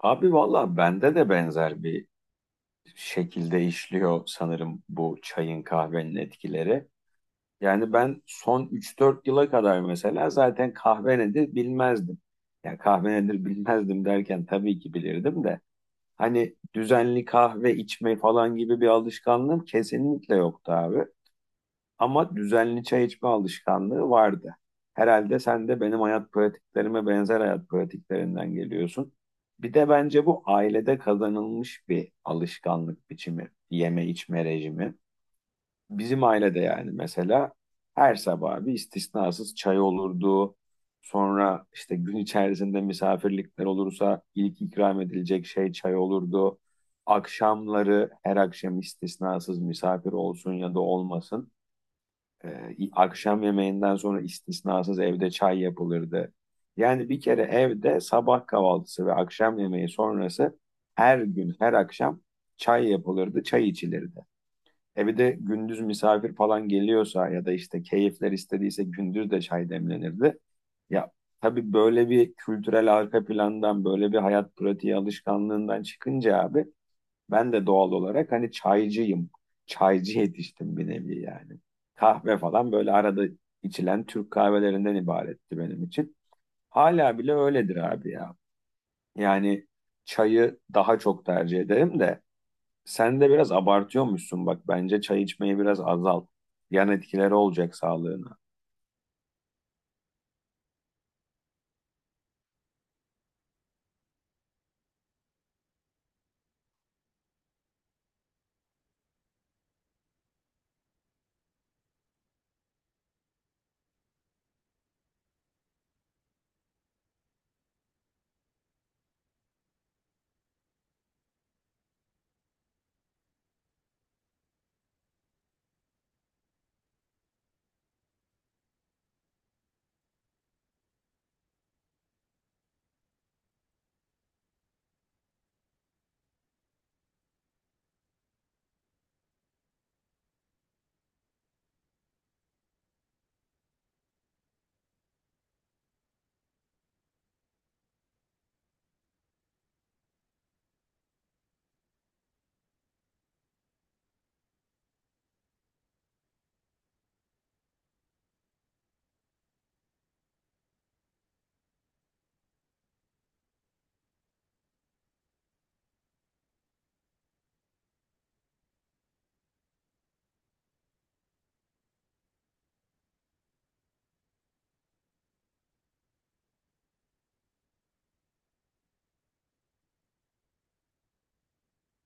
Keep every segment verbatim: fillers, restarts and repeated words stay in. Abi valla bende de benzer bir şekilde işliyor sanırım bu çayın kahvenin etkileri. Yani ben son üç dört yıla kadar mesela zaten kahve nedir bilmezdim. Ya kahve nedir bilmezdim derken tabii ki bilirdim de. Hani düzenli kahve içme falan gibi bir alışkanlığım kesinlikle yoktu abi. Ama düzenli çay içme alışkanlığı vardı. Herhalde sen de benim hayat pratiklerime benzer hayat pratiklerinden geliyorsun. Bir de bence bu ailede kazanılmış bir alışkanlık biçimi, yeme içme rejimi. Bizim ailede yani mesela her sabah bir istisnasız çay olurdu. Sonra işte gün içerisinde misafirlikler olursa ilk ikram edilecek şey çay olurdu. Akşamları her akşam istisnasız misafir olsun ya da olmasın ee, akşam yemeğinden sonra istisnasız evde çay yapılırdı. Yani bir kere evde sabah kahvaltısı ve akşam yemeği sonrası her gün, her akşam çay yapılırdı, çay içilirdi. E bir de gündüz misafir falan geliyorsa ya da işte keyifler istediyse gündüz de çay demlenirdi. Ya tabii böyle bir kültürel arka plandan, böyle bir hayat pratiği alışkanlığından çıkınca abi ben de doğal olarak hani çaycıyım. Çaycı yetiştim bir nevi yani. Kahve falan böyle arada içilen Türk kahvelerinden ibaretti benim için. Hala bile öyledir abi ya. Yani çayı daha çok tercih ederim de sen de biraz abartıyormuşsun bak. Bence çay içmeyi biraz azalt. Yan etkileri olacak sağlığına.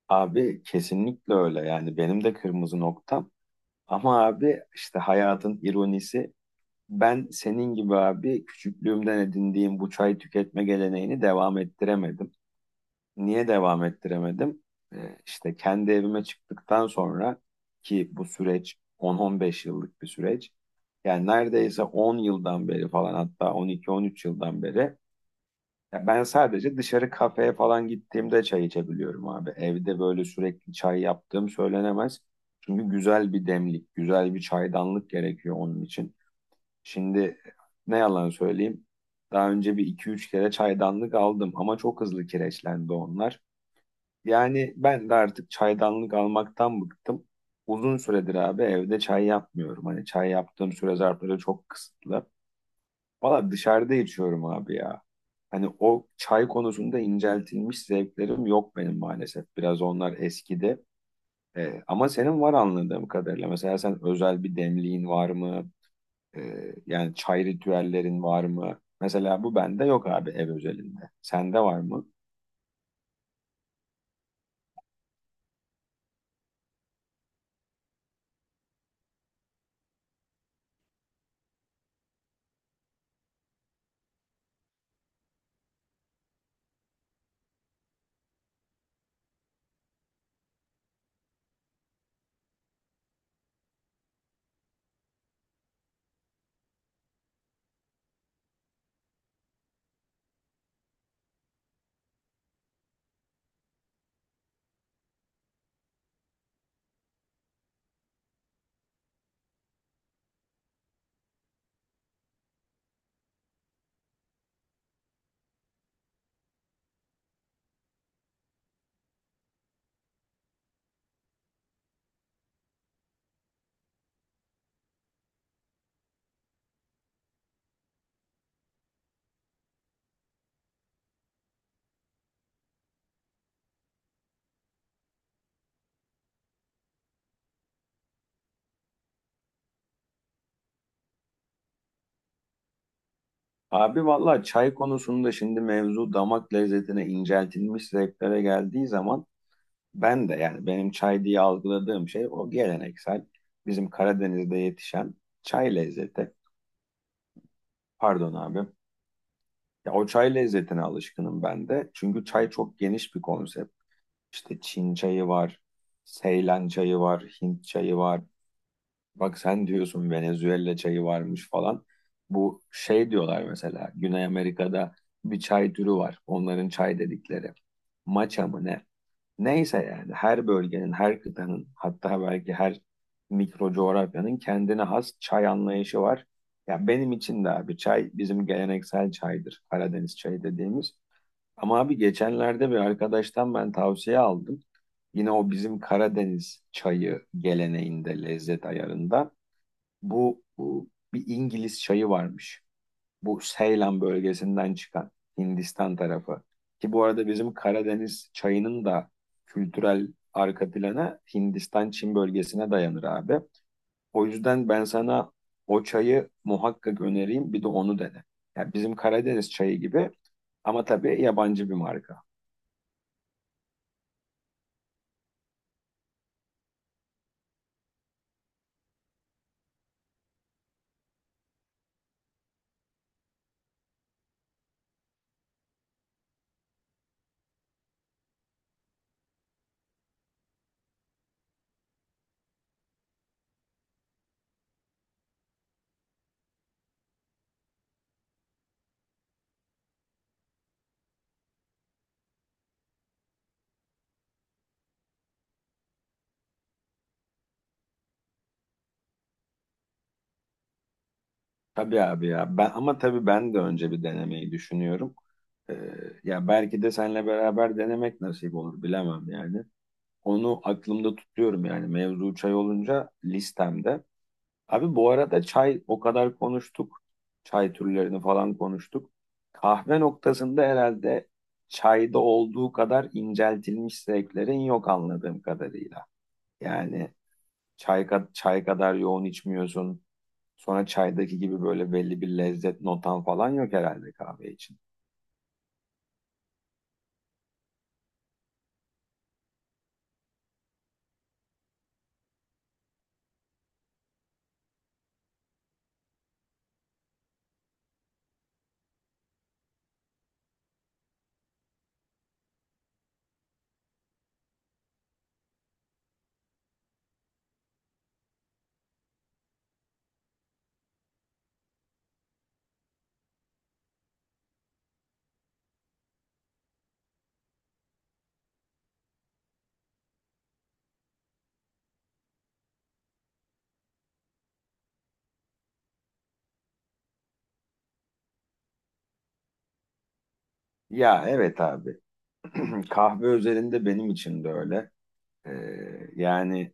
Abi kesinlikle öyle yani benim de kırmızı noktam. Ama abi işte hayatın ironisi, ben senin gibi abi küçüklüğümden edindiğim bu çay tüketme geleneğini devam ettiremedim. Niye devam ettiremedim? Ee, işte kendi evime çıktıktan sonra ki bu süreç on on beş yıllık bir süreç. Yani neredeyse on yıldan beri falan hatta on iki on üç yıldan beri ya ben sadece dışarı kafeye falan gittiğimde çay içebiliyorum abi. Evde böyle sürekli çay yaptığım söylenemez. Çünkü güzel bir demlik, güzel bir çaydanlık gerekiyor onun için. Şimdi ne yalan söyleyeyim. Daha önce bir iki üç kere çaydanlık aldım ama çok hızlı kireçlendi onlar. Yani ben de artık çaydanlık almaktan bıktım. Uzun süredir abi evde çay yapmıyorum. Hani çay yaptığım süre zarfları çok kısıtlı. Valla dışarıda içiyorum abi ya. Hani o çay konusunda inceltilmiş zevklerim yok benim maalesef. Biraz onlar eskidi. Ee, ama senin var anladığım kadarıyla. Mesela sen özel bir demliğin var mı? Ee, yani çay ritüellerin var mı? Mesela bu bende yok abi ev özelinde. Sende var mı? Abi vallahi çay konusunda şimdi mevzu damak lezzetine inceltilmiş zevklere geldiği zaman ben de yani benim çay diye algıladığım şey o geleneksel bizim Karadeniz'de yetişen çay lezzeti. Pardon abi. Ya o çay lezzetine alışkınım ben de. Çünkü çay çok geniş bir konsept. İşte Çin çayı var, Seylan çayı var, Hint çayı var. Bak sen diyorsun Venezuela çayı varmış falan. Bu şey diyorlar mesela Güney Amerika'da bir çay türü var. Onların çay dedikleri. Maça mı ne? Neyse yani her bölgenin, her kıtanın hatta belki her mikro coğrafyanın kendine has çay anlayışı var. Ya benim için de abi çay bizim geleneksel çaydır. Karadeniz çayı dediğimiz. Ama abi geçenlerde bir arkadaştan ben tavsiye aldım. Yine o bizim Karadeniz çayı geleneğinde, lezzet ayarında. Bu, bu bir İngiliz çayı varmış. Bu Seylan bölgesinden çıkan Hindistan tarafı. Ki bu arada bizim Karadeniz çayının da kültürel arka planı Hindistan-Çin bölgesine dayanır abi. O yüzden ben sana o çayı muhakkak önereyim bir de onu dene. Yani bizim Karadeniz çayı gibi ama tabii yabancı bir marka. Tabii abi ya. Ben, ama tabii ben de önce bir denemeyi düşünüyorum. Ee, Ya belki de seninle beraber denemek nasip olur bilemem yani. Onu aklımda tutuyorum yani mevzu çay olunca listemde. Abi bu arada çay o kadar konuştuk. Çay türlerini falan konuştuk. Kahve noktasında herhalde çayda olduğu kadar inceltilmiş zevklerin yok anladığım kadarıyla. Yani çay, ka- çay kadar yoğun içmiyorsun. Sonra çaydaki gibi böyle belli bir lezzet notan falan yok herhalde kahve için. Ya evet abi. Kahve özelinde benim için de öyle. Ee, yani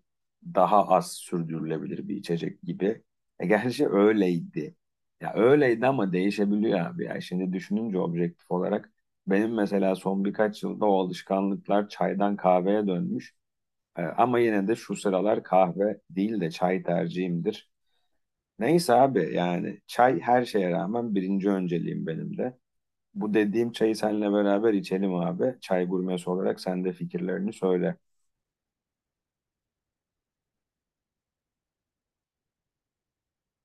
daha az sürdürülebilir bir içecek gibi. E, gerçi öyleydi. Ya öyleydi ama değişebiliyor abi. Ya şimdi düşününce objektif olarak benim mesela son birkaç yılda o alışkanlıklar çaydan kahveye dönmüş. Ee, ama yine de şu sıralar kahve değil de çay tercihimdir. Neyse abi yani çay her şeye rağmen birinci önceliğim benim de. Bu dediğim çayı seninle beraber içelim abi. Çay gurmesi olarak sen de fikirlerini söyle.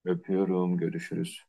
Öpüyorum, görüşürüz.